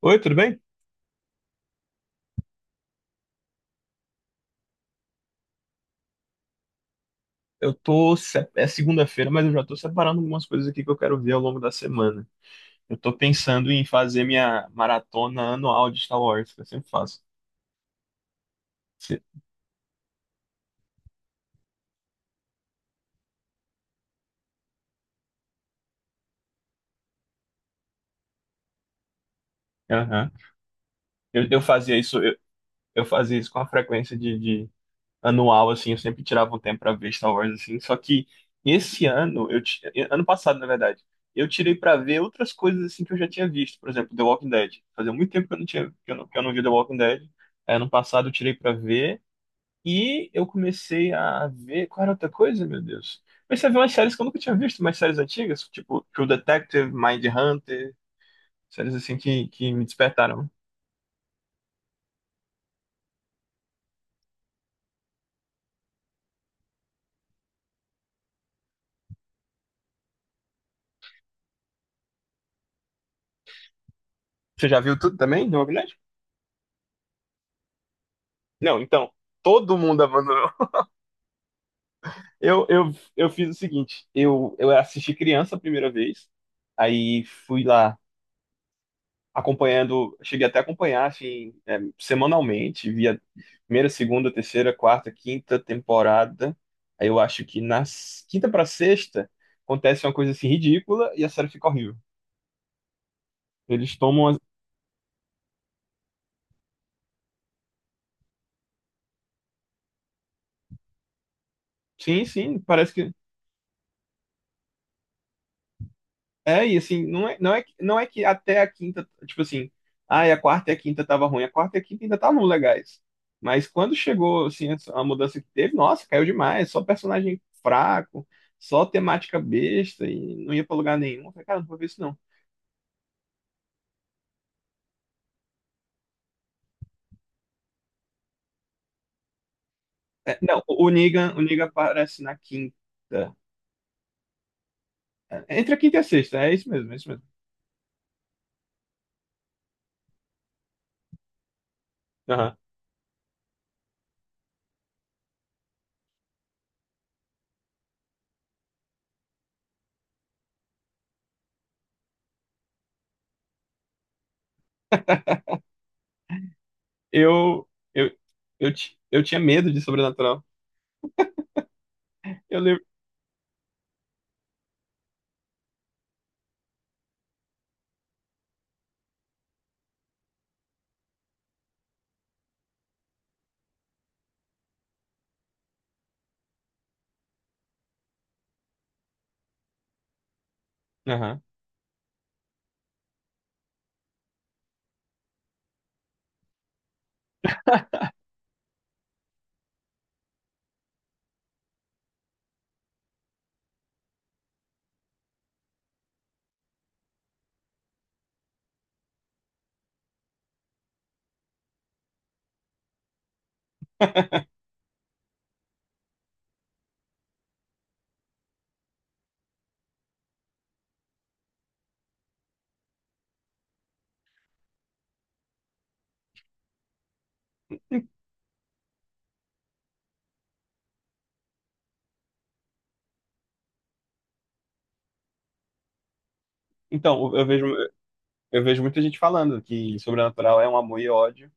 Oi, tudo bem? Eu tô. Se- É segunda-feira, mas eu já tô separando algumas coisas aqui que eu quero ver ao longo da semana. Eu tô pensando em fazer minha maratona anual de Star Wars, que eu sempre faço. Se- Aham. Eu fazia isso, eu fazia isso com a frequência de anual, assim, eu sempre tirava um tempo pra ver Star Wars, assim. Só que esse ano, ano passado, na verdade, eu tirei pra ver outras coisas assim que eu já tinha visto. Por exemplo, The Walking Dead. Fazia muito tempo que eu não tinha, que eu não via The Walking Dead. Aí, ano passado eu tirei pra ver. E eu comecei a ver. Qual era outra coisa, meu Deus? Comecei a ver umas séries que eu nunca tinha visto, umas séries antigas, tipo True Detective, Mindhunter, séries assim que me despertaram. Você já viu tudo também do Magnético? Não, então, todo mundo abandonou. Eu fiz o seguinte: eu assisti criança a primeira vez, aí fui lá, acompanhando, cheguei até a acompanhar, assim, é, semanalmente, via primeira, segunda, terceira, quarta, quinta temporada. Aí eu acho que quinta pra sexta acontece uma coisa assim ridícula e a série fica horrível. Eles tomam as... Sim, sim, parece que é. E assim, não é que até a quinta, tipo assim, ai, a quarta e a quinta tava ruim, a quarta e a quinta ainda estavam legais. Mas quando chegou, assim, a mudança que teve, nossa, caiu demais, só personagem fraco, só temática besta e não ia pra lugar nenhum. Eu falei, cara, não vou ver isso não. É, não, o Negan, o Negan aparece na quinta. É, entre a quinta e a sexta, é isso mesmo, é isso mesmo. Aham. Eu, eu, eu tinha medo de Sobrenatural. Eu lembro. Aham. Então, eu vejo, eu vejo muita gente falando que Sobrenatural é um amor e ódio.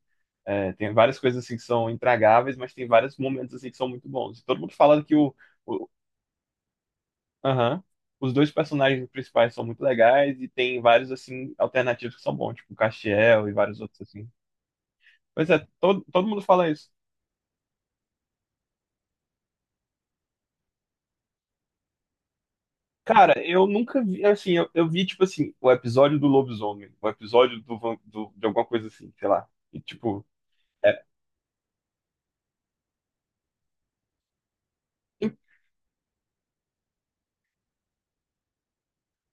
É, tem várias coisas assim que são intragáveis, mas tem vários momentos assim que são muito bons. E todo mundo fala que o- aham, os dois personagens principais são muito legais e tem vários assim alternativos que são bons, tipo o Castiel e vários outros assim. Pois é, todo mundo fala isso. Cara, eu nunca vi, assim, eu vi, tipo assim, o episódio do lobisomem, o episódio do, de alguma coisa assim, sei lá. E, tipo, é,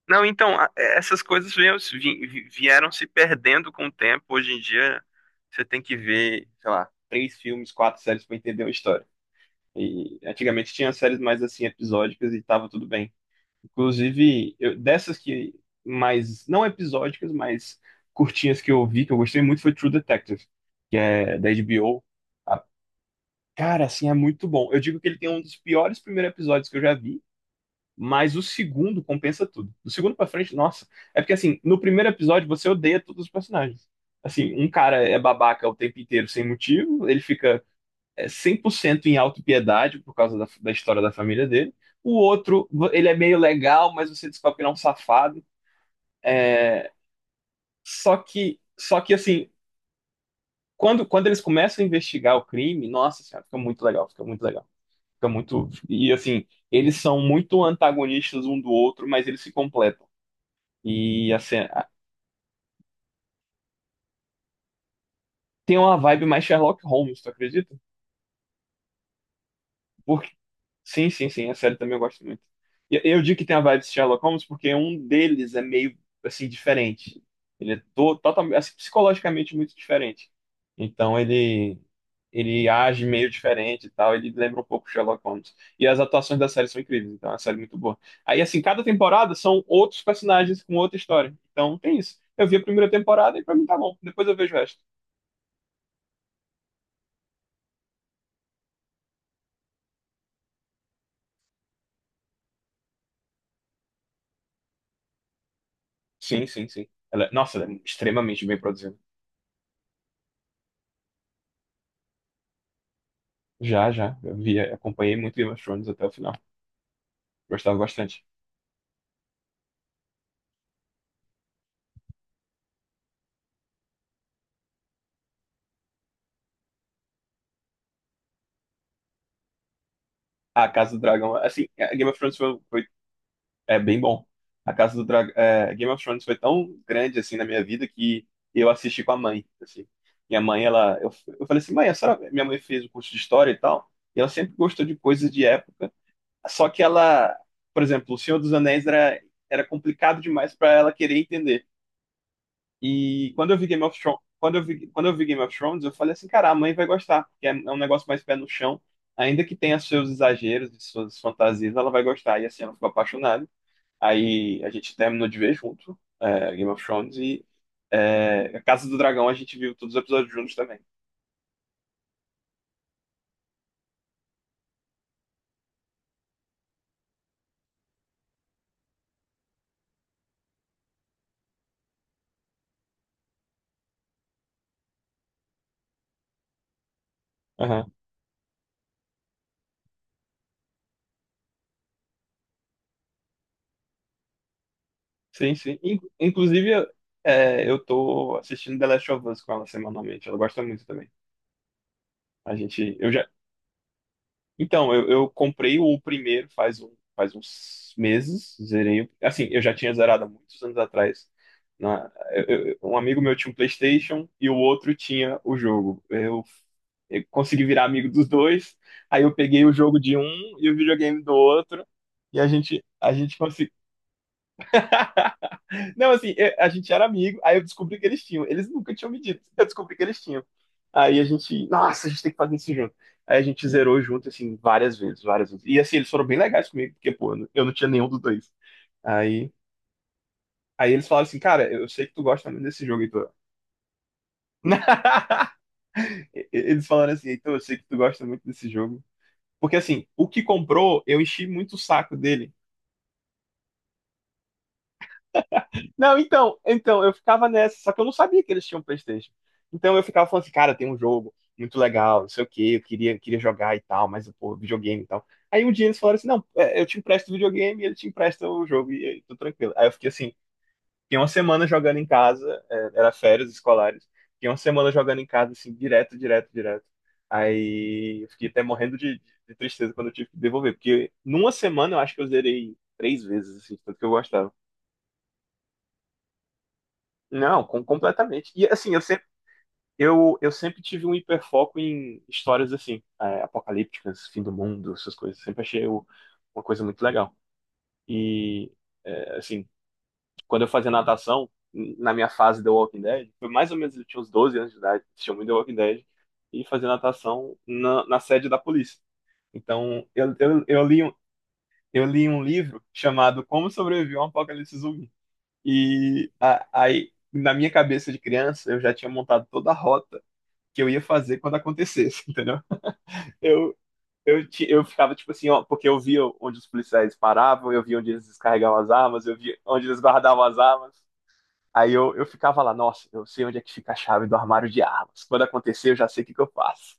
não, então, é, essas coisas vieram, vieram se perdendo com o tempo. Hoje em dia, você tem que ver, sei lá, três filmes, quatro séries para entender uma história. E antigamente tinha séries mais assim, episódicas e tava tudo bem. Inclusive, dessas que mais, não episódicas, mas curtinhas que eu vi, que eu gostei muito, foi True Detective, que é da HBO. Ah, cara, assim, é muito bom. Eu digo que ele tem um dos piores primeiros episódios que eu já vi, mas o segundo compensa tudo. Do segundo pra frente, nossa. É porque assim, no primeiro episódio você odeia todos os personagens. Assim, um cara é babaca o tempo inteiro sem motivo, ele fica é, 100% em autopiedade por causa da história da família dele. O outro, ele é meio legal, mas você descobre que ele é um safado. É, só que assim, quando eles começam a investigar o crime, nossa senhora, fica muito legal, fica muito legal. Fica muito. E assim, eles são muito antagonistas um do outro, mas eles se completam. E assim, tem uma vibe mais Sherlock Holmes, tu acredita? Porque sim, sim, sim, a série também eu gosto muito. E eu digo que tem a vibe de Sherlock Holmes porque um deles é meio assim diferente. Ele é totalmente assim, psicologicamente muito diferente. Então ele age meio diferente e tal, ele lembra um pouco Sherlock Holmes. E as atuações da série são incríveis, então é uma série muito boa. Aí assim, cada temporada são outros personagens com outra história. Então tem isso. Eu vi a primeira temporada e pra mim tá bom. Depois eu vejo o resto. Sim, sim, sim. Ela, nossa, ela é extremamente bem produzida. Já, já. Eu vi, acompanhei muito Game of Thrones até o final. Gostava bastante. A Casa do Dragão, assim, a Game of Thrones foi, foi- é bem bom. A Casa do Dragão, é, Game of Thrones foi tão grande assim na minha vida que eu assisti com a mãe, assim. Minha mãe, ela, eu falei assim, mãe, a senhora, minha mãe fez o curso de história e tal, e ela sempre gostou de coisas de época. Só que ela, por exemplo, O Senhor dos Anéis era complicado demais para ela querer entender. E quando eu vi Game of Thrones, quando eu vi Game of Thrones, eu falei assim, cara, a mãe vai gostar, porque é um negócio mais pé no chão, ainda que tenha seus exageros e suas fantasias, ela vai gostar. E assim, ela ficou apaixonada. Aí a gente terminou de ver junto, é, Game of Thrones e é, Casa do Dragão, a gente viu todos os episódios juntos também. Aham. Sim, sim. Inclusive, é, eu tô assistindo The Last of Us com ela semanalmente. Ela gosta muito também. A gente, eu já, então, eu comprei o primeiro faz, um, faz uns meses, zerei. Assim, eu já tinha zerado há muitos anos atrás. Um amigo meu tinha um PlayStation e o outro tinha o jogo. Eu consegui virar amigo dos dois, aí eu peguei o jogo de um e o videogame do outro, e a gente conseguiu. Não, assim, a gente era amigo, aí eu descobri que eles tinham. Eles nunca tinham me dito, eu descobri que eles tinham. Aí a gente, nossa, a gente tem que fazer isso junto. Aí a gente zerou junto, assim, várias vezes, várias vezes. E assim, eles foram bem legais comigo, porque, pô, eu não tinha nenhum dos dois. Aí, aí eles falaram assim, cara, eu sei que tu gosta muito desse jogo, Heitor. Eles falaram assim, Heitor, eu sei que tu gosta muito desse jogo. Porque assim, o que comprou, eu enchi muito o saco dele. Não, eu ficava nessa, só que eu não sabia que eles tinham PlayStation. Então eu ficava falando assim, cara, tem um jogo muito legal, não sei o quê, eu queria jogar e tal, mas, pô, videogame e tal. Aí um dia eles falaram assim, não, é, eu te empresto o videogame e ele te empresta o jogo, e aí, tô tranquilo. Aí eu fiquei assim, fiquei uma semana jogando em casa, é, era férias escolares, fiquei uma semana jogando em casa, assim, direto, direto, direto. Aí eu fiquei até morrendo de tristeza quando eu tive que devolver, porque numa semana eu acho que eu zerei três vezes, assim, tanto que eu gostava. Não, completamente. E assim, eu sempre, eu sempre tive um hiperfoco em histórias assim, é, apocalípticas, fim do mundo, essas coisas. Sempre achei uma coisa muito legal. E, é, assim, quando eu fazia natação, na minha fase The Walking Dead, foi mais ou menos, eu tinha uns 12 anos de idade, assistia muito The Walking Dead, e fazia natação na, na sede da polícia. Então, eu li, eu li um livro chamado Como Sobreviver a um Apocalipse Zumbi. E aí, na minha cabeça de criança, eu já tinha montado toda a rota que eu ia fazer quando acontecesse, entendeu? Eu, eu ficava tipo assim, ó, porque eu via onde os policiais paravam, eu via onde eles descarregavam as armas, eu via onde eles guardavam as armas. Aí eu ficava lá, nossa, eu sei onde é que fica a chave do armário de armas. Quando acontecer, eu já sei o que que eu faço.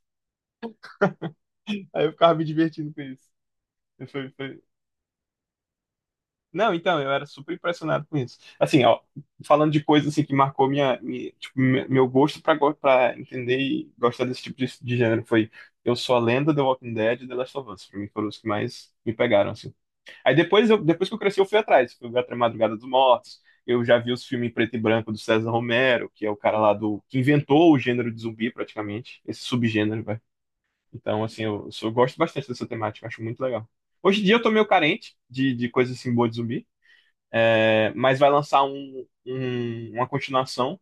Aí eu ficava me divertindo com isso. Foi, foi, não, então, eu era super impressionado com isso. Assim, ó, falando de coisas assim que marcou minha, tipo, meu gosto pra pra entender e gostar desse tipo de gênero foi Eu Sou a Lenda, The Walking Dead e The Last of Us. Pra mim foram os que mais me pegaram, assim. Aí depois, eu, depois que eu cresci, eu fui atrás. Fui ver A Madrugada dos Mortos. Eu já vi os filmes em preto e branco do César Romero, que é o cara lá do, que inventou o gênero de zumbi, praticamente. Esse subgênero, vai. Então, assim, eu, eu gosto bastante dessa temática, acho muito legal. Hoje em dia eu tô meio carente de coisas assim boas de zumbi. É, mas vai lançar uma continuação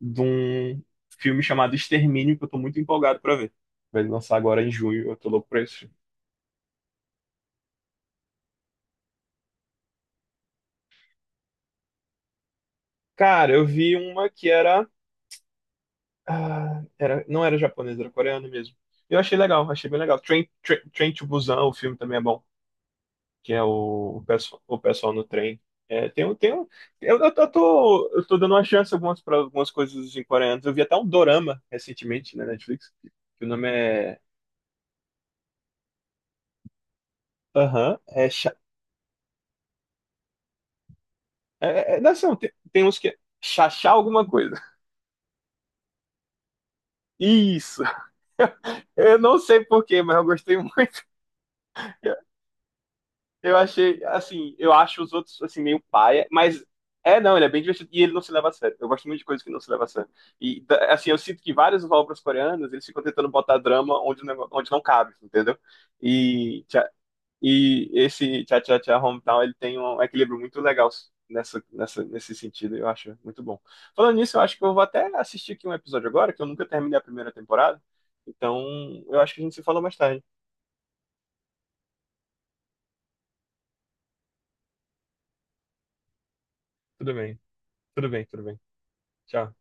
de um filme chamado Extermínio, que eu tô muito empolgado pra ver. Vai lançar agora em junho, eu tô louco pra isso. Cara, eu vi uma que era, ah, era não era japonesa, era coreana mesmo. Eu achei legal, achei bem legal. Train to Busan, o filme também é bom, que é pessoal, o pessoal no trem. É, tem, um- eu tô dando uma chance para algumas coisas em coreanos. Eu vi até um dorama recentemente na Netflix, que o nome é aham, é, cha... é, é, não, assim, tem, tem uns que é chachá alguma coisa. Isso. Eu não sei por quê, mas eu gostei muito. Eu achei, assim, eu acho os outros, assim, meio paia, mas é, não, ele é bem divertido e ele não se leva a sério. Eu gosto muito de coisas que não se leva a sério. E, assim, eu sinto que vários obras coreanas, eles ficam tentando botar drama onde, onde não cabe, entendeu? E e esse Tchá Tchá Tchá Hometown, ele tem um equilíbrio muito legal nesse sentido, eu acho muito bom. Falando nisso, eu acho que eu vou até assistir aqui um episódio agora, que eu nunca terminei a primeira temporada. Então, eu acho que a gente se fala mais tarde. Tudo bem, tudo bem. Tchau.